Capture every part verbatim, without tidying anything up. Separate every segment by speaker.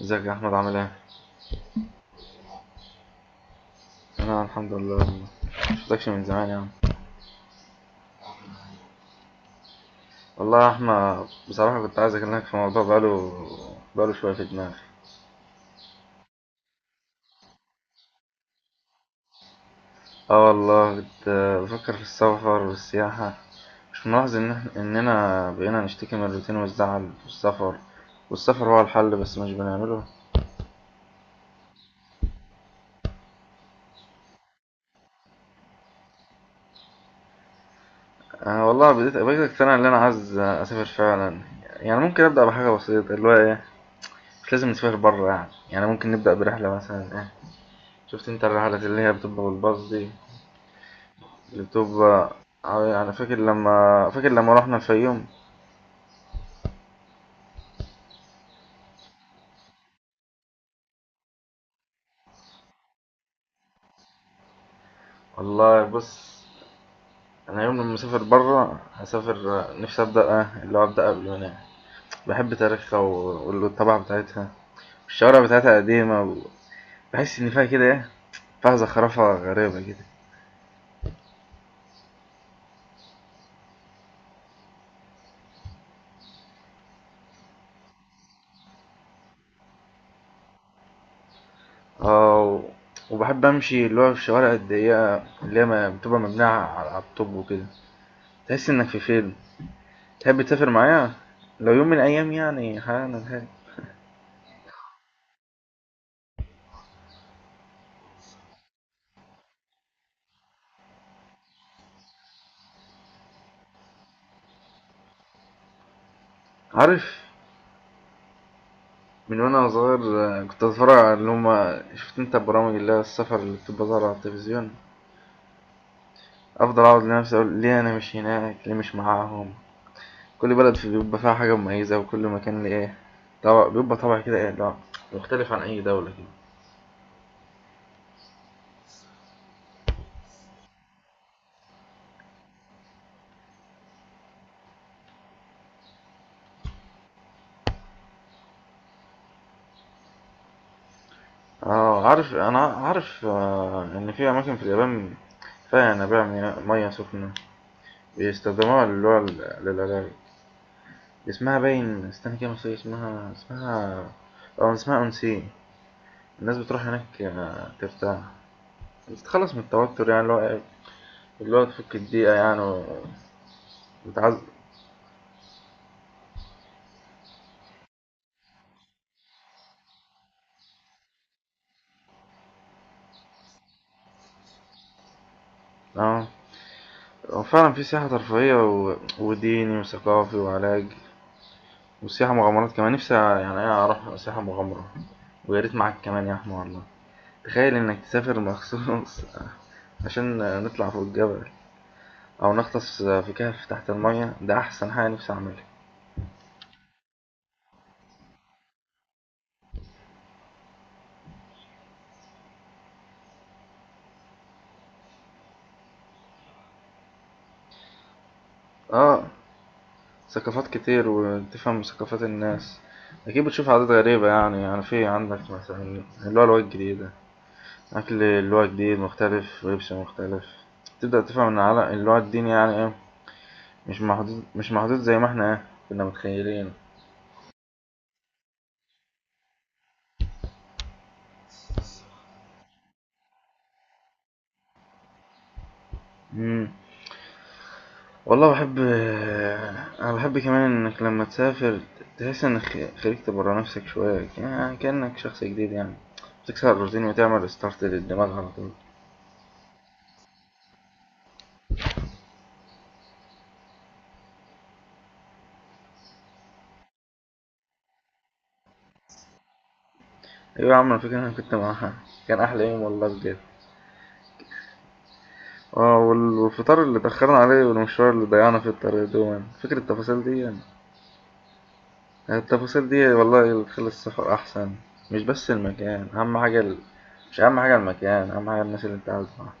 Speaker 1: ازيك يا احمد؟ عامل ايه؟ انا الحمد لله والله. مشفتكش من زمان يا عم. والله يا احمد بصراحه كنت عايز اكلمك في موضوع بقاله بقاله شويه في دماغي. اه والله كنت بفكر في السفر والسياحه. مش ملاحظ ان إحنا- اننا بقينا نشتكي من الروتين والزعل والسفر، والسفر هو الحل بس مش بنعمله. أه والله بديت بقيت اقتنع ان انا عايز اسافر فعلا. يعني ممكن ابدا بحاجه بسيطه اللي هو ايه، مش لازم نسافر بره، يعني يعني ممكن نبدا برحله مثلا ايه. شفت انت الرحلات اللي هي بتبقى بالباص دي، اللي بتبقى، أيوة أنا فاكر، لما فاكر لما روحنا الفيوم. والله بص، أنا يوم لما أسافر برا هسافر. نفسي أبدأ، آه، اللي هو أبدأ قبل ما أنام. بحب تاريخها و- والطبع بتاعتها. الشوارع بتاعتها قديمة و- بحس إن فيها كده إيه، فيها زخرفة غريبة كده. اه، و- وبحب أمشي اللي هو في الشوارع الضيقة، اللي هي ما- بتبقى مبنية على على الطوب وكده. تحس إنك في فيلم. تحب تسافر معايا لو يوم من الأيام يعني؟ ها- أنا عارف. من وانا صغير، آه، كنت اتفرج على اللي هما شفت انت برامج اللي هي السفر اللي بتبقى طالعة على التلفزيون. افضل اقعد لنفسي اقول ليه انا مش هناك، ليه مش معاهم. كل بلد في بيبقى فيها حاجة مميزة، وكل مكان ليه ايه، طبع بيبقى طبع كده ايه، لا مختلف عن اي دولة كده. اه عارف، انا عارف، آه، ان في اماكن في اليابان فيها ينابيع مي- مية سخنة بيستخدموها اللي هو للعلاج. اسمها باين، استنى كده نسيت اسمها، اسمها اه اسمها اونسين. الناس بتروح هناك، آه، ترتاح، بتتخلص من التوتر يعني اللي هو إيه، اللي هو تفك الضيقة يعني وتتعز. اه، هو فعلا في سياحة ترفيهية و... وديني وثقافي وعلاج وسياحة مغامرات كمان. نفسي يعني ايه اروح سياحة مغامرة، ويا ريت معاك كمان يا احمد والله. تخيل انك تسافر مخصوص عشان نطلع فوق الجبل او نغطس في كهف تحت المية، ده احسن حاجة نفسي اعملها. اه، ثقافات كتير وتفهم ثقافات الناس. أكيد بتشوف عادات غريبة، يعني يعني في عندك مثلا اللي هو لغات جديدة، أكل اللي هو جديد مختلف، ولبس مختلف. تبدأ تفهم إن على اللي هو الدين يعني إيه، مش محدود، مش محدود زي ما إحنا إيه كنا متخيلين. مم. والله بحب، أنا بحب كمان إنك لما تسافر تحس إنك خرجت برا نفسك شوية، يعني كأنك شخص جديد يعني. بتكسر الروتين وتعمل ريستارت للدماغ على طول. ايوه يا عم، انا فاكر إن انا كنت معاها، كان احلى يوم والله بجد. اه، وال- والفطار اللي اتأخرنا عليه والمشوار اللي ضيعنا في الطريق، دوما فاكر التفاصيل دي يعني. التفاصيل دي والله اللي تخلي السفر احسن، مش بس المكان اهم حاجة ال... مش اهم حاجة المكان، اهم حاجة الناس اللي انت قاعد معاها.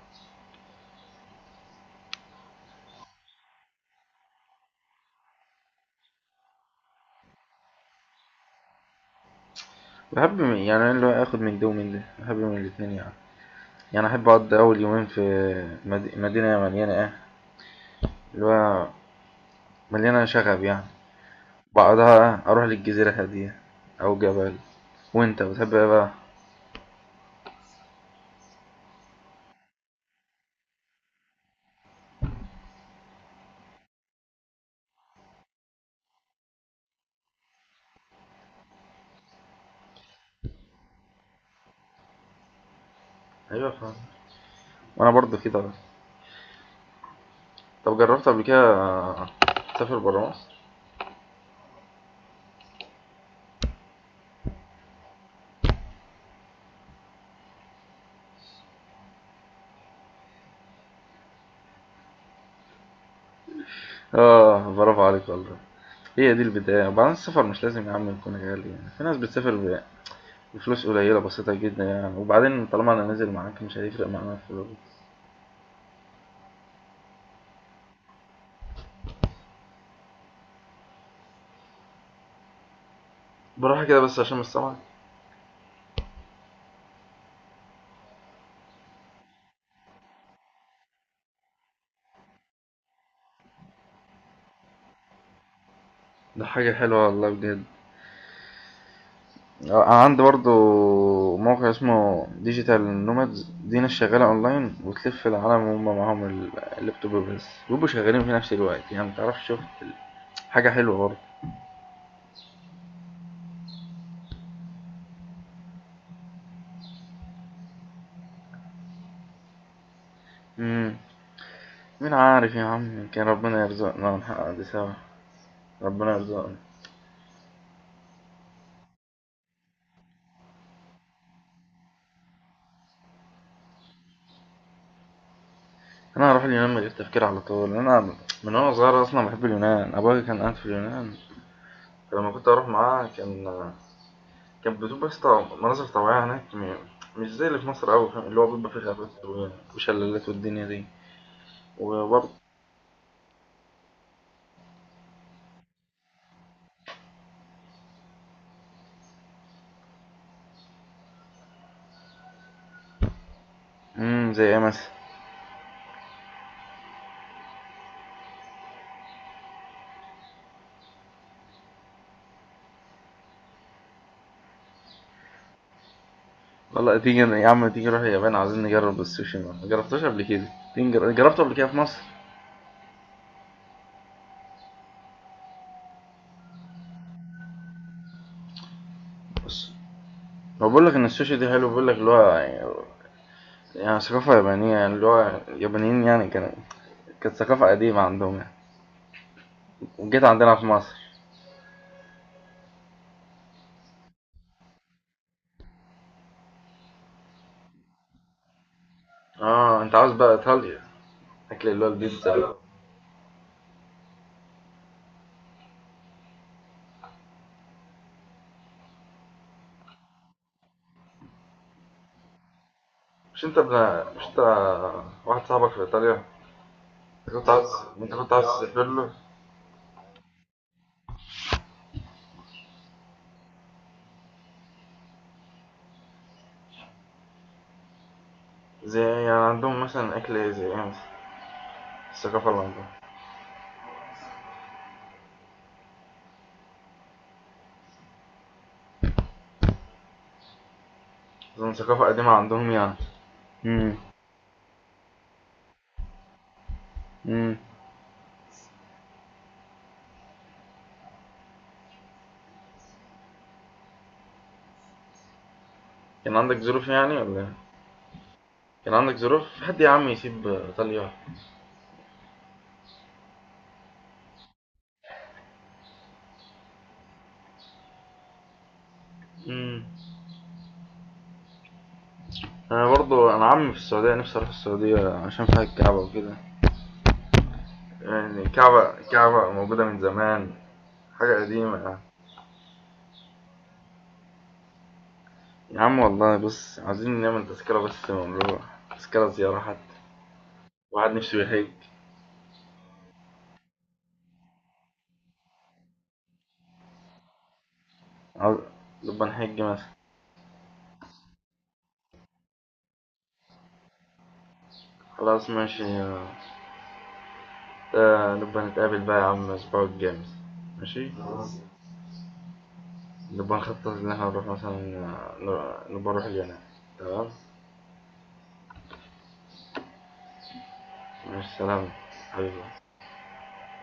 Speaker 1: بحب من... يعني أنا اللي هو اخد من ده ومن ده، بحب من الاتنين يعني. يعني احب اقضي اول يومين في مد... مدينة مليانة ايه، اللي هو مليانة شغب يعني. بعدها اروح للجزيرة هادية او جبل. وانت بتحب ايه بقى؟ ايوه فاهم، وانا برضه كده. طب جربت قبل كده، آه، تسافر برا مصر؟ اه برافو عليك والله. هي دي البداية، وبعدين السفر مش لازم يا عم يكون غالي، يعني في ناس بتسافر ب- بفلوس قليلة بسيطة جدا يعني. وبعدين طالما انا نازل معاك مش هيفرق معانا الفلوس. بروح كده بس عشان مش سامعك. ده حاجة حلوة والله بجد. آه، عندي برضو موقع اسمه ديجيتال نومادز، دي ناس شغالة اونلاين وتلف العالم وهم معاهم ال- اللابتوب، بس بيبقوا شغالين في نفس الوقت يعني. متعرفش شوف، حاجة حلوة برضه. مم. مين عارف يا عم، يمكن ربنا يرزقنا ونحقق دي سوا، ربنا يرزقنا. انا هروح اليونان من غير تفكير على طول. انا من وانا صغير اصلا بحب اليونان، ابويا كان قاعد في اليونان، فلما كنت اروح معاه كان كان بتبقى بس، طو- مناظر طبيعية هناك، م- مش زي اللي في مصر أوي فاهم، اللي هو بيبقى فيه غابات و- وشلالات والدنيا دي. وبرضه، امم زي ايه مثلا؟ والله تيجي يا عم، تيجي نروح اليابان، عايزين نجرب السوشي، ما جربتوش قبل كده. تيجي نجر- جربته قبل كده في مصر؟ بس هو بقول لك ان السوشي ده حلو، بقول لك اللي هو يعني، يعني ثقافة يابانية يعني اللي هو اليابانيين يعني، كانت كانت ثقافة قديمة عندهم يعني. وجيت عندنا في مصر. اه، انت عاوز بقى ايطاليا، اكل اللي هو البيتزا. مش انت ابن، مش انت واحد صاحبك في ايطاليا، انت كنت عاوز، انت كنت عاوز تسافر له. زي يعني عندهم مثلا اكل ايه، زي ايه مثلا؟ الثقافة اللي عندهم اظن ثقافة قديمة عندهم يعني. امم. امم كان عندك ظروف يعني ولا ايه؟ كان عندك ظروف، في حد يا عم يسيب ايطاليا؟ امم. انا برضو، انا عمي في السعودية، نفسي اروح السعودية عشان فيها الكعبة وكده. يعني الكعبة الكعبة موجودة من زمان، حاجة قديمة. يا عم والله بص، عايزين نعمل تذكرة بس ونروح تذكرة زيارة حتى، واحد نفسه يحج. عاوز- نبقى نحج مثلا. خلاص ماشي يا- آه، نبقى نتقابل بقى يا عم الأسبوع الجاي مثلا. ماشي. نبقى نخطط إن احنا نروح مثلا، آه، نر- نبقى نروح اليونان. تمام. ماشي، سلام حبيبي.